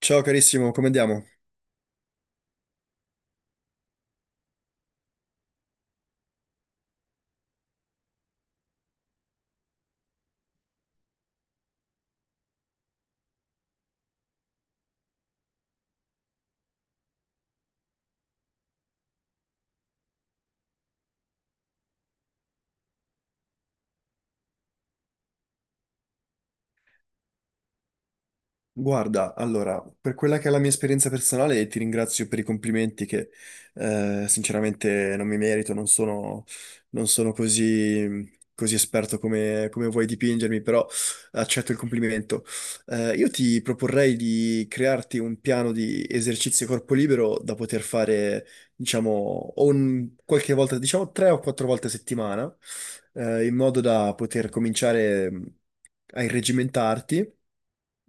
Ciao carissimo, come andiamo? Guarda, allora, per quella che è la mia esperienza personale, ti ringrazio per i complimenti che sinceramente non mi merito, non sono così esperto come, come vuoi dipingermi, però accetto il complimento. Io ti proporrei di crearti un piano di esercizio corpo libero da poter fare, diciamo, qualche volta, diciamo tre o quattro volte a settimana in modo da poter cominciare a irregimentarti.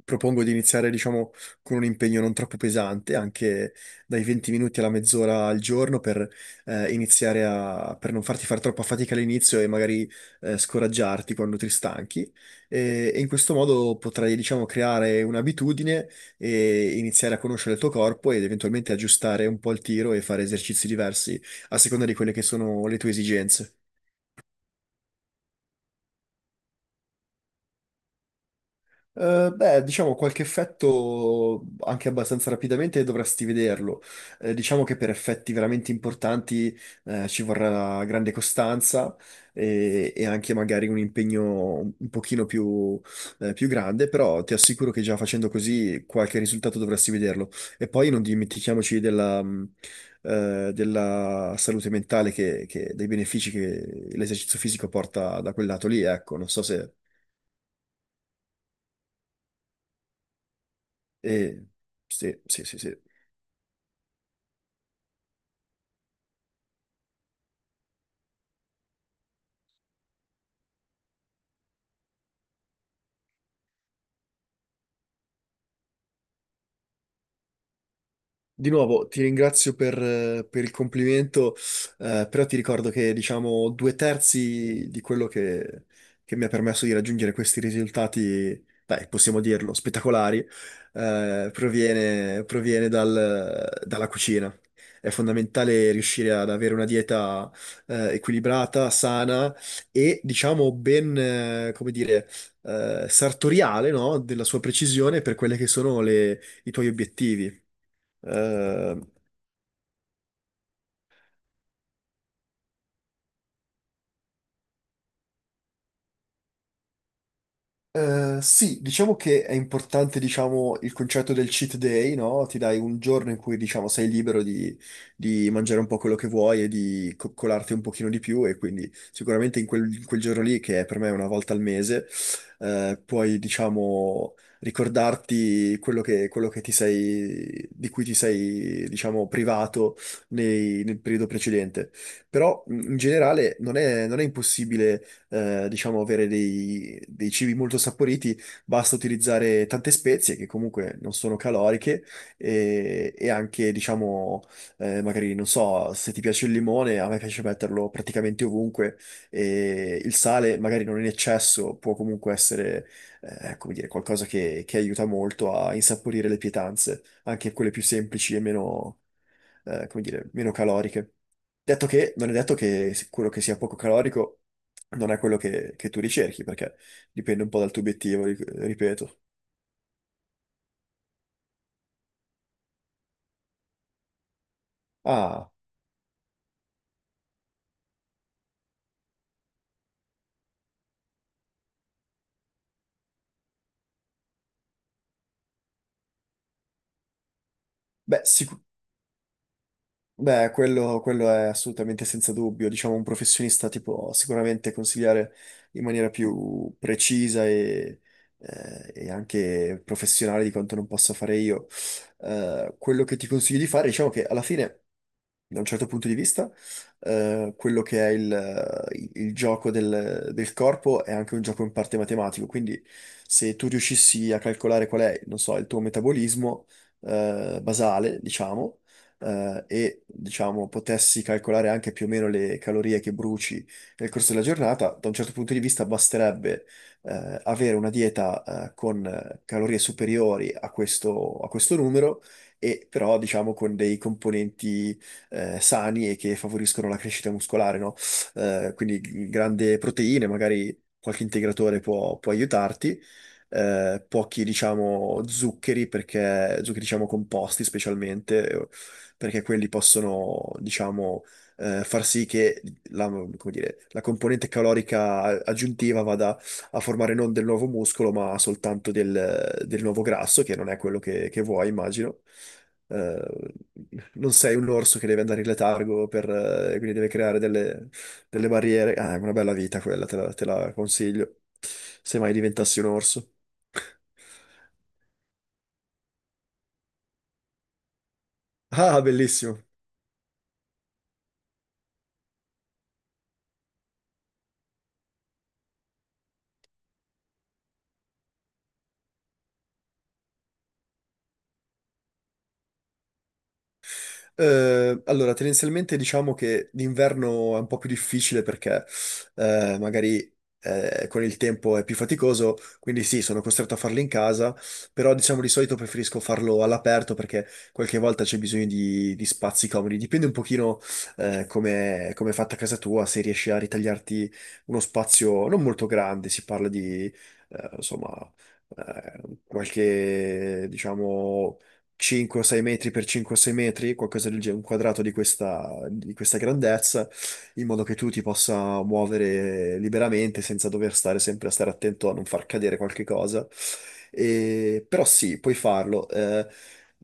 Propongo di iniziare, diciamo, con un impegno non troppo pesante, anche dai 20 minuti alla mezz'ora al giorno per per non farti fare troppa fatica all'inizio e magari scoraggiarti quando ti stanchi. E in questo modo potrai, diciamo, creare un'abitudine e iniziare a conoscere il tuo corpo ed eventualmente aggiustare un po' il tiro e fare esercizi diversi a seconda di quelle che sono le tue esigenze. Beh, diciamo qualche effetto anche abbastanza rapidamente dovresti vederlo. Diciamo che per effetti veramente importanti ci vorrà grande costanza e anche magari un impegno un pochino più grande, però ti assicuro che già facendo così qualche risultato dovresti vederlo. E poi non dimentichiamoci della salute mentale, dei benefici che l'esercizio fisico porta da quel lato lì, ecco, non so se... eh, sì, sì, sì, sì. Di nuovo ti ringrazio per il complimento, però ti ricordo che diciamo due terzi di che mi ha permesso di raggiungere questi risultati, beh, possiamo dirlo, spettacolari, dalla cucina. È fondamentale riuscire ad avere una dieta, equilibrata, sana e diciamo ben, come dire, sartoriale, no? Della sua precisione per quelle che sono i tuoi obiettivi. Eh, sì, diciamo che è importante, diciamo, il concetto del cheat day, no? Ti dai un giorno in cui, diciamo, sei libero di mangiare un po' quello che vuoi e di coccolarti un pochino di più e quindi sicuramente in quel giorno lì, che è per me una volta al mese, puoi, diciamo, ricordarti quello che ti sei, di cui ti sei, diciamo, privato nel periodo precedente. Però, in generale, non è impossibile diciamo, avere dei cibi molto saporiti, basta utilizzare tante spezie che comunque non sono caloriche e anche, diciamo, magari, non so, se ti piace il limone, a me piace metterlo praticamente ovunque e il sale, magari non in eccesso, può comunque essere, come dire, qualcosa che aiuta molto a insaporire le pietanze, anche quelle più semplici e meno come dire, meno caloriche. Detto che, non è detto che quello che sia poco calorico non è che tu ricerchi, perché dipende un po' dal tuo obiettivo, ripeto. Ah, beh, sicuramente. Beh, quello è assolutamente senza dubbio. Diciamo, un professionista ti può sicuramente consigliare in maniera più precisa e anche professionale di quanto non possa fare io. Quello che ti consiglio di fare, diciamo che alla fine, da un certo punto di vista, quello che è il gioco del corpo è anche un gioco in parte matematico. Quindi, se tu riuscissi a calcolare qual è, non so, il tuo metabolismo, basale, diciamo e diciamo potessi calcolare anche più o meno le calorie che bruci nel corso della giornata, da un certo punto di vista basterebbe avere una dieta con calorie superiori a questo numero e però diciamo con dei componenti sani e che favoriscono la crescita muscolare, no? Grande proteine, magari qualche integratore può aiutarti. Eh, pochi, diciamo, zuccheri, perché zuccheri, diciamo, composti specialmente, perché quelli possono, diciamo, far sì che come dire, la componente calorica aggiuntiva vada a formare non del nuovo muscolo, ma soltanto del nuovo grasso, che non è che vuoi, immagino. Eh, non sei un orso che deve andare in letargo per, quindi deve creare delle barriere. Ah, è una bella vita quella, te la consiglio. Se mai diventassi un orso. Ah, bellissimo. Allora, tendenzialmente diciamo che l'inverno è un po' più difficile perché magari con il tempo è più faticoso, quindi sì, sono costretto a farlo in casa, però diciamo di solito preferisco farlo all'aperto perché qualche volta c'è bisogno di spazi comodi. Dipende un pochino come come è fatta casa tua, se riesci a ritagliarti uno spazio non molto grande, si parla di eh, insomma eh, qualche diciamo 5 o 6 metri per 5 o 6 metri, qualcosa del genere, un quadrato di di questa grandezza, in modo che tu ti possa muovere liberamente senza dover stare sempre a stare attento a non far cadere qualche cosa. Però sì, puoi farlo.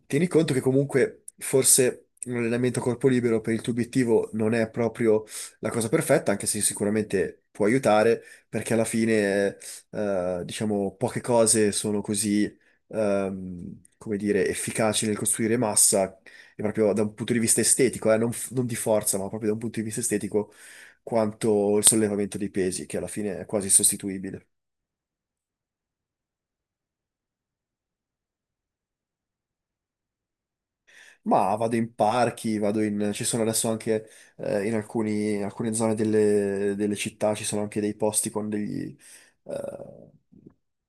Tieni conto che comunque forse un allenamento a corpo libero per il tuo obiettivo non è proprio la cosa perfetta, anche se sicuramente può aiutare, perché alla fine, diciamo, poche cose sono così come dire, efficaci nel costruire massa, e proprio da un punto di vista estetico, non di forza, ma proprio da un punto di vista estetico, quanto il sollevamento dei pesi, che alla fine è quasi sostituibile. Ma vado in parchi, vado in... ci sono adesso anche in alcune zone delle città, ci sono anche dei posti con degli, eh,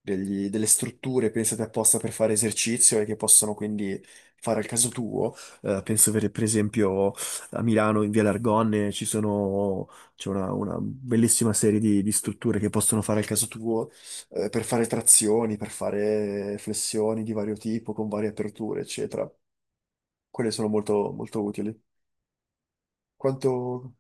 delle strutture pensate apposta per fare esercizio e che possono quindi fare al caso tuo. Penso per esempio a Milano in Via L'Argonne c'è una bellissima serie di strutture che possono fare al caso tuo per fare trazioni, per fare flessioni di vario tipo, con varie aperture, eccetera. Quelle sono molto, molto utili. Quanto...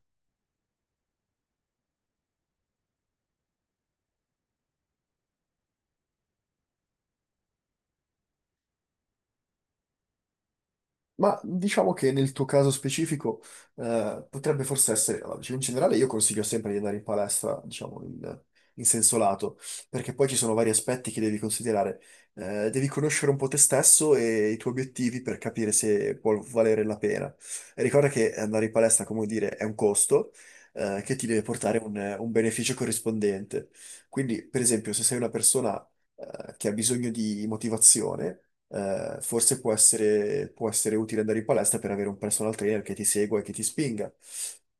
Ma diciamo che nel tuo caso specifico allora, diciamo, in generale io consiglio sempre di andare in palestra, diciamo, in senso lato, perché poi ci sono vari aspetti che devi considerare. Devi conoscere un po' te stesso e i tuoi obiettivi per capire se può valere la pena. E ricorda che andare in palestra, come dire, è un costo che ti deve portare un beneficio corrispondente. Quindi, per esempio, se sei una persona che ha bisogno di motivazione, può essere utile andare in palestra per avere un personal trainer che ti segua e che ti spinga.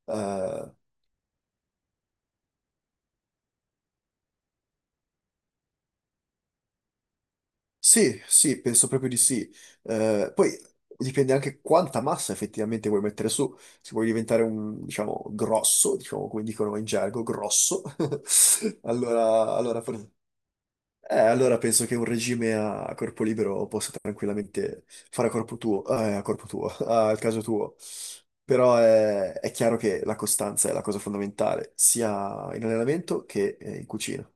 Eh, sì, sì, penso proprio di sì. Poi dipende anche quanta massa effettivamente vuoi mettere su. Se vuoi diventare un, diciamo, grosso, diciamo come dicono in gergo, grosso, allora forse. Allora penso che un regime a corpo libero possa tranquillamente fare a corpo tuo, al caso tuo. Però è chiaro che la costanza è la cosa fondamentale, sia in allenamento che in cucina.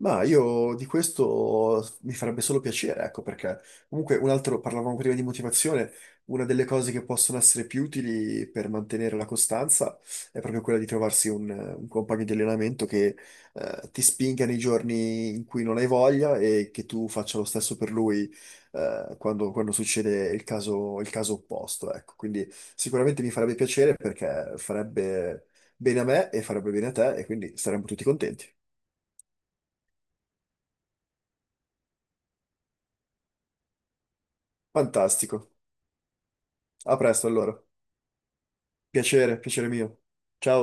Ma io di questo mi farebbe solo piacere, ecco, perché comunque un altro, parlavamo prima di motivazione, una delle cose che possono essere più utili per mantenere la costanza è proprio quella di trovarsi un compagno di allenamento che ti spinga nei giorni in cui non hai voglia e che tu faccia lo stesso per lui quando succede il caso opposto, ecco. Quindi sicuramente mi farebbe piacere perché farebbe bene a me e farebbe bene a te e quindi saremmo tutti contenti. Fantastico. A presto allora. Piacere, piacere mio. Ciao.